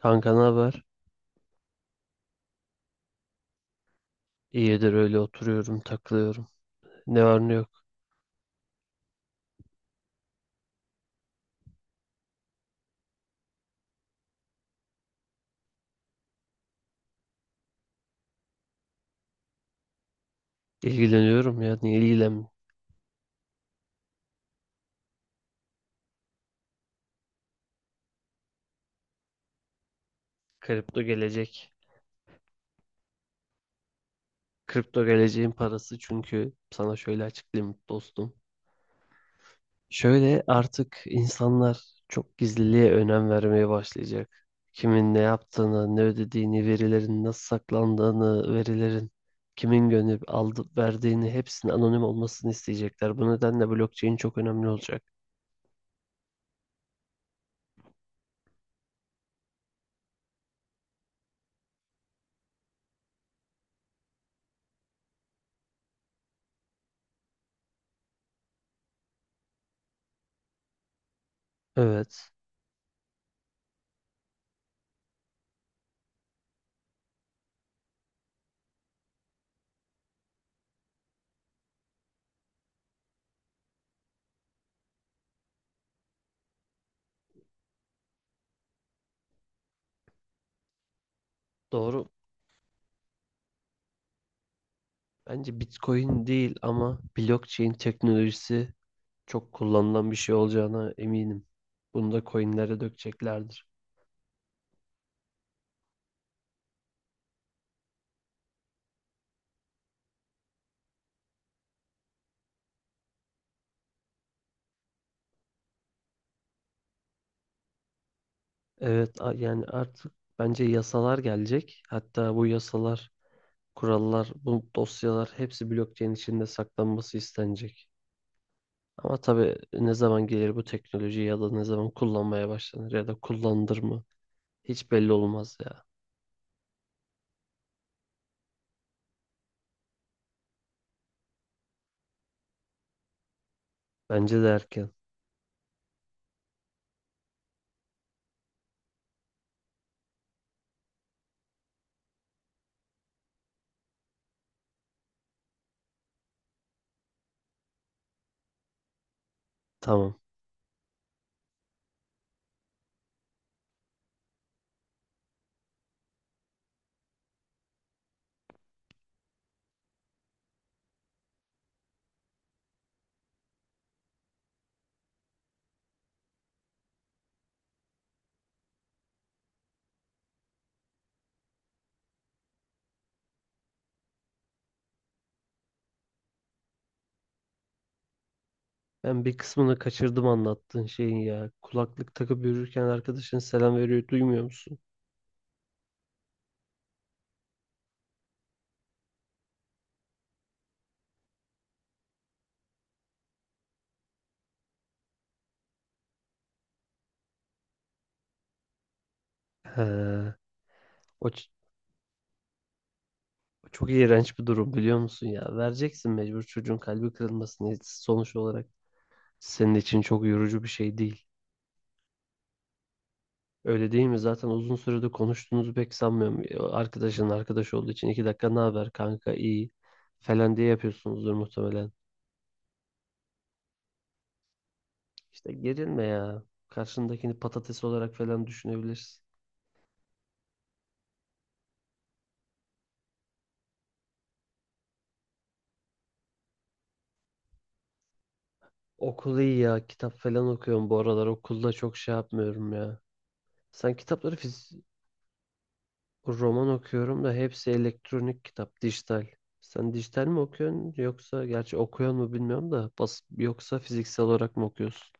Kanka ne haber? İyidir öyle oturuyorum, takılıyorum. Ne var ne yok. İlgileniyorum ya. Niye ilgilen? Kripto gelecek. Kripto geleceğin parası çünkü sana şöyle açıklayayım dostum. Şöyle artık insanlar çok gizliliğe önem vermeye başlayacak. Kimin ne yaptığını, ne ödediğini, verilerin nasıl saklandığını, verilerin kimin gönderip aldı, verdiğini hepsinin anonim olmasını isteyecekler. Bu nedenle blockchain çok önemli olacak. Evet, doğru. Bence Bitcoin değil ama blockchain teknolojisi çok kullanılan bir şey olacağına eminim. Bunu da coinlere dökeceklerdir. Evet, yani artık bence yasalar gelecek. Hatta bu yasalar, kurallar, bu dosyalar hepsi blockchain içinde saklanması istenecek. Ama tabii ne zaman gelir bu teknoloji ya da ne zaman kullanmaya başlanır ya da kullanılır mı hiç belli olmaz ya. Bence de erken. Tamam. Ben bir kısmını kaçırdım anlattığın şeyin ya. Kulaklık takıp yürürken arkadaşın selam veriyor, duymuyor musun? He, o, ç- o çok iğrenç bir durum biliyor musun ya? Vereceksin mecbur, çocuğun kalbi kırılmasını sonuç olarak. Senin için çok yorucu bir şey değil. Öyle değil mi? Zaten uzun süredir konuştuğunuzu pek sanmıyorum. O arkadaşın arkadaş olduğu için 2 dakika ne haber kanka iyi falan diye yapıyorsunuzdur muhtemelen. İşte gerilme ya. Karşındakini patates olarak falan düşünebilirsin. Okul iyi ya. Kitap falan okuyorum bu aralar. Okulda çok şey yapmıyorum ya. Sen kitapları fiz Roman okuyorum da hepsi elektronik kitap, dijital. Sen dijital mi okuyorsun yoksa gerçi okuyor mu bilmiyorum da bas yoksa fiziksel olarak mı okuyorsun?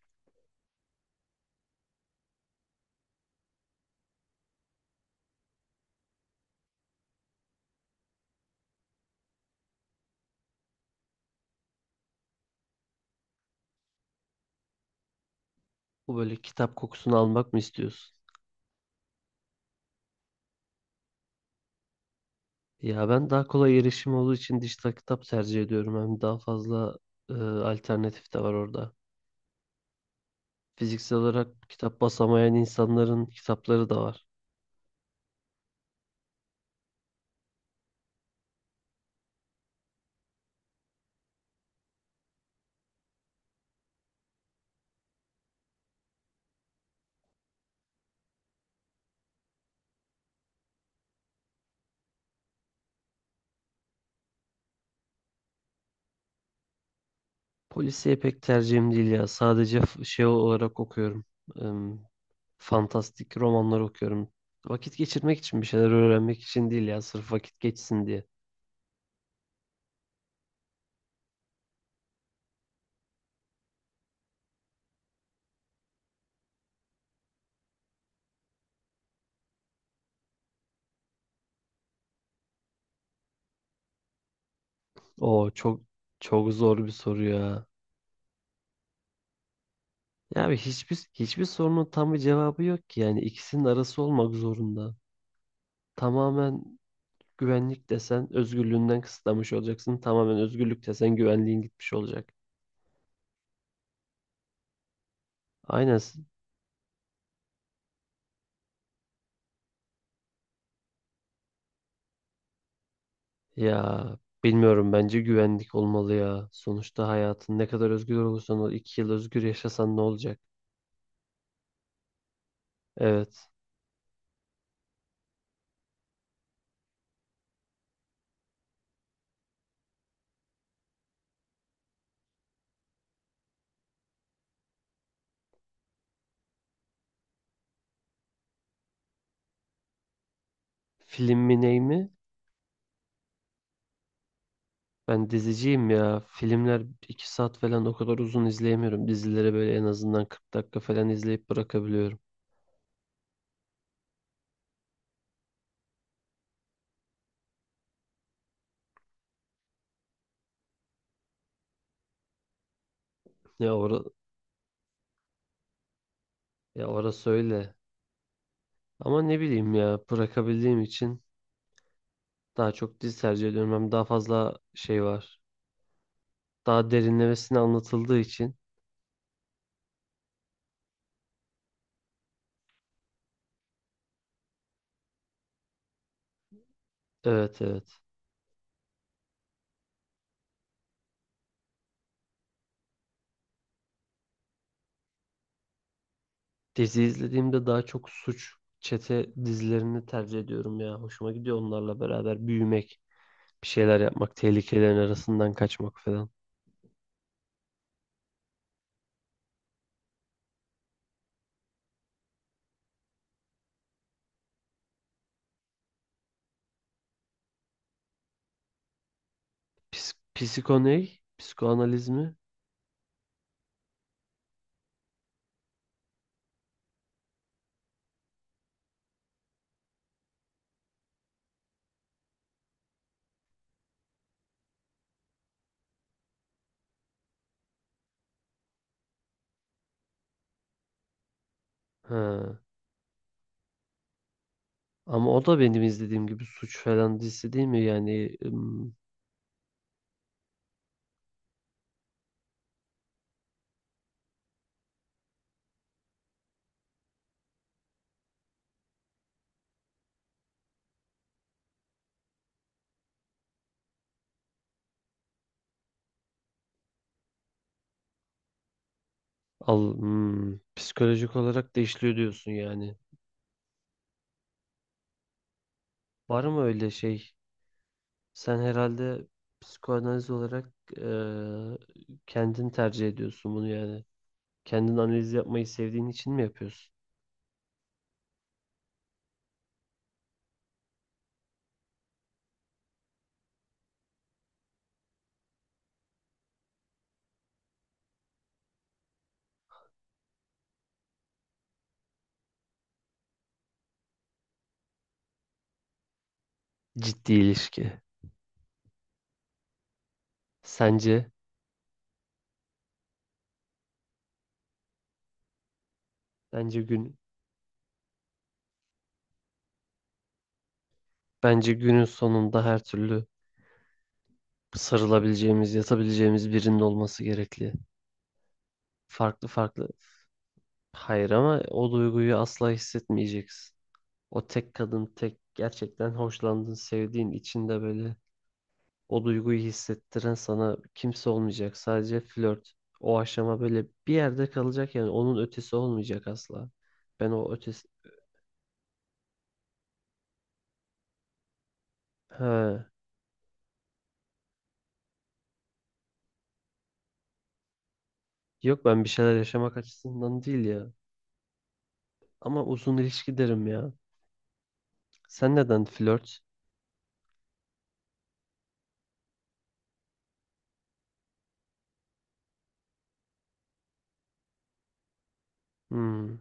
Bu böyle kitap kokusunu almak mı istiyorsun? Ya ben daha kolay erişim olduğu için dijital kitap tercih ediyorum. Hem daha fazla alternatif de var orada. Fiziksel olarak kitap basamayan insanların kitapları da var. Polisiye pek tercihim değil ya. Sadece şey olarak okuyorum. Em, fantastik romanlar okuyorum. Vakit geçirmek için bir şeyler öğrenmek için değil ya. Sırf vakit geçsin diye. O çok zor bir soru ya. Ya abi hiçbir sorunun tam bir cevabı yok ki. Yani ikisinin arası olmak zorunda. Tamamen güvenlik desen özgürlüğünden kısıtlamış olacaksın. Tamamen özgürlük desen güvenliğin gitmiş olacak. Aynen. Ya bilmiyorum, bence güvenlik olmalı ya. Sonuçta hayatın, ne kadar özgür olursan ol, 2 yıl özgür yaşasan ne olacak? Evet. Film mi ney mi? Ben diziciyim ya. Filmler 2 saat falan, o kadar uzun izleyemiyorum. Dizileri böyle en azından 40 dakika falan izleyip bırakabiliyorum. Ya, ora, ya orası öyle. Ama ne bileyim ya, bırakabildiğim için daha çok dizi tercih ediyorum. Hem daha fazla şey var. Daha derinlemesine anlatıldığı için. Evet, evet. Dizi izlediğimde daha çok suç, çete dizilerini tercih ediyorum ya. Hoşuma gidiyor onlarla beraber büyümek, bir şeyler yapmak, tehlikelerin arasından kaçmak falan. Psiko ne? Psikoanaliz mi? Ha. Ama o da benim izlediğim gibi suç falan dizisi değil mi? Yani psikolojik olarak da işliyor diyorsun yani. Var mı öyle şey? Sen herhalde psikoanaliz olarak eee kendin tercih ediyorsun bunu yani. Kendin analiz yapmayı sevdiğin için mi yapıyorsun? Ciddi ilişki. Sence, bence gün, bence günün sonunda her türlü sarılabileceğimiz, yatabileceğimiz birinin olması gerekli. Farklı farklı. Hayır, ama o duyguyu asla hissetmeyeceksin. O tek kadın, tek gerçekten hoşlandığın, sevdiğin, içinde böyle o duyguyu hissettiren sana kimse olmayacak. Sadece flört. O aşama böyle bir yerde kalacak yani, onun ötesi olmayacak asla. Ben o ötesi... He. Yok, ben bir şeyler yaşamak açısından değil ya. Ama uzun ilişki derim ya. Sen neden flört? Hmm,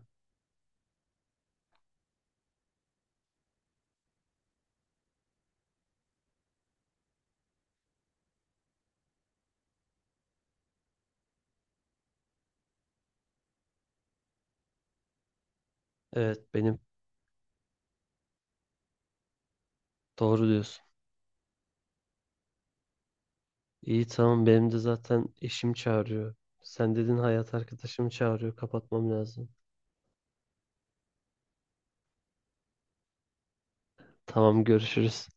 evet, doğru diyorsun. İyi, tamam, benim de zaten eşim çağırıyor. Sen dedin, hayat arkadaşım çağırıyor. Kapatmam lazım. Tamam, görüşürüz.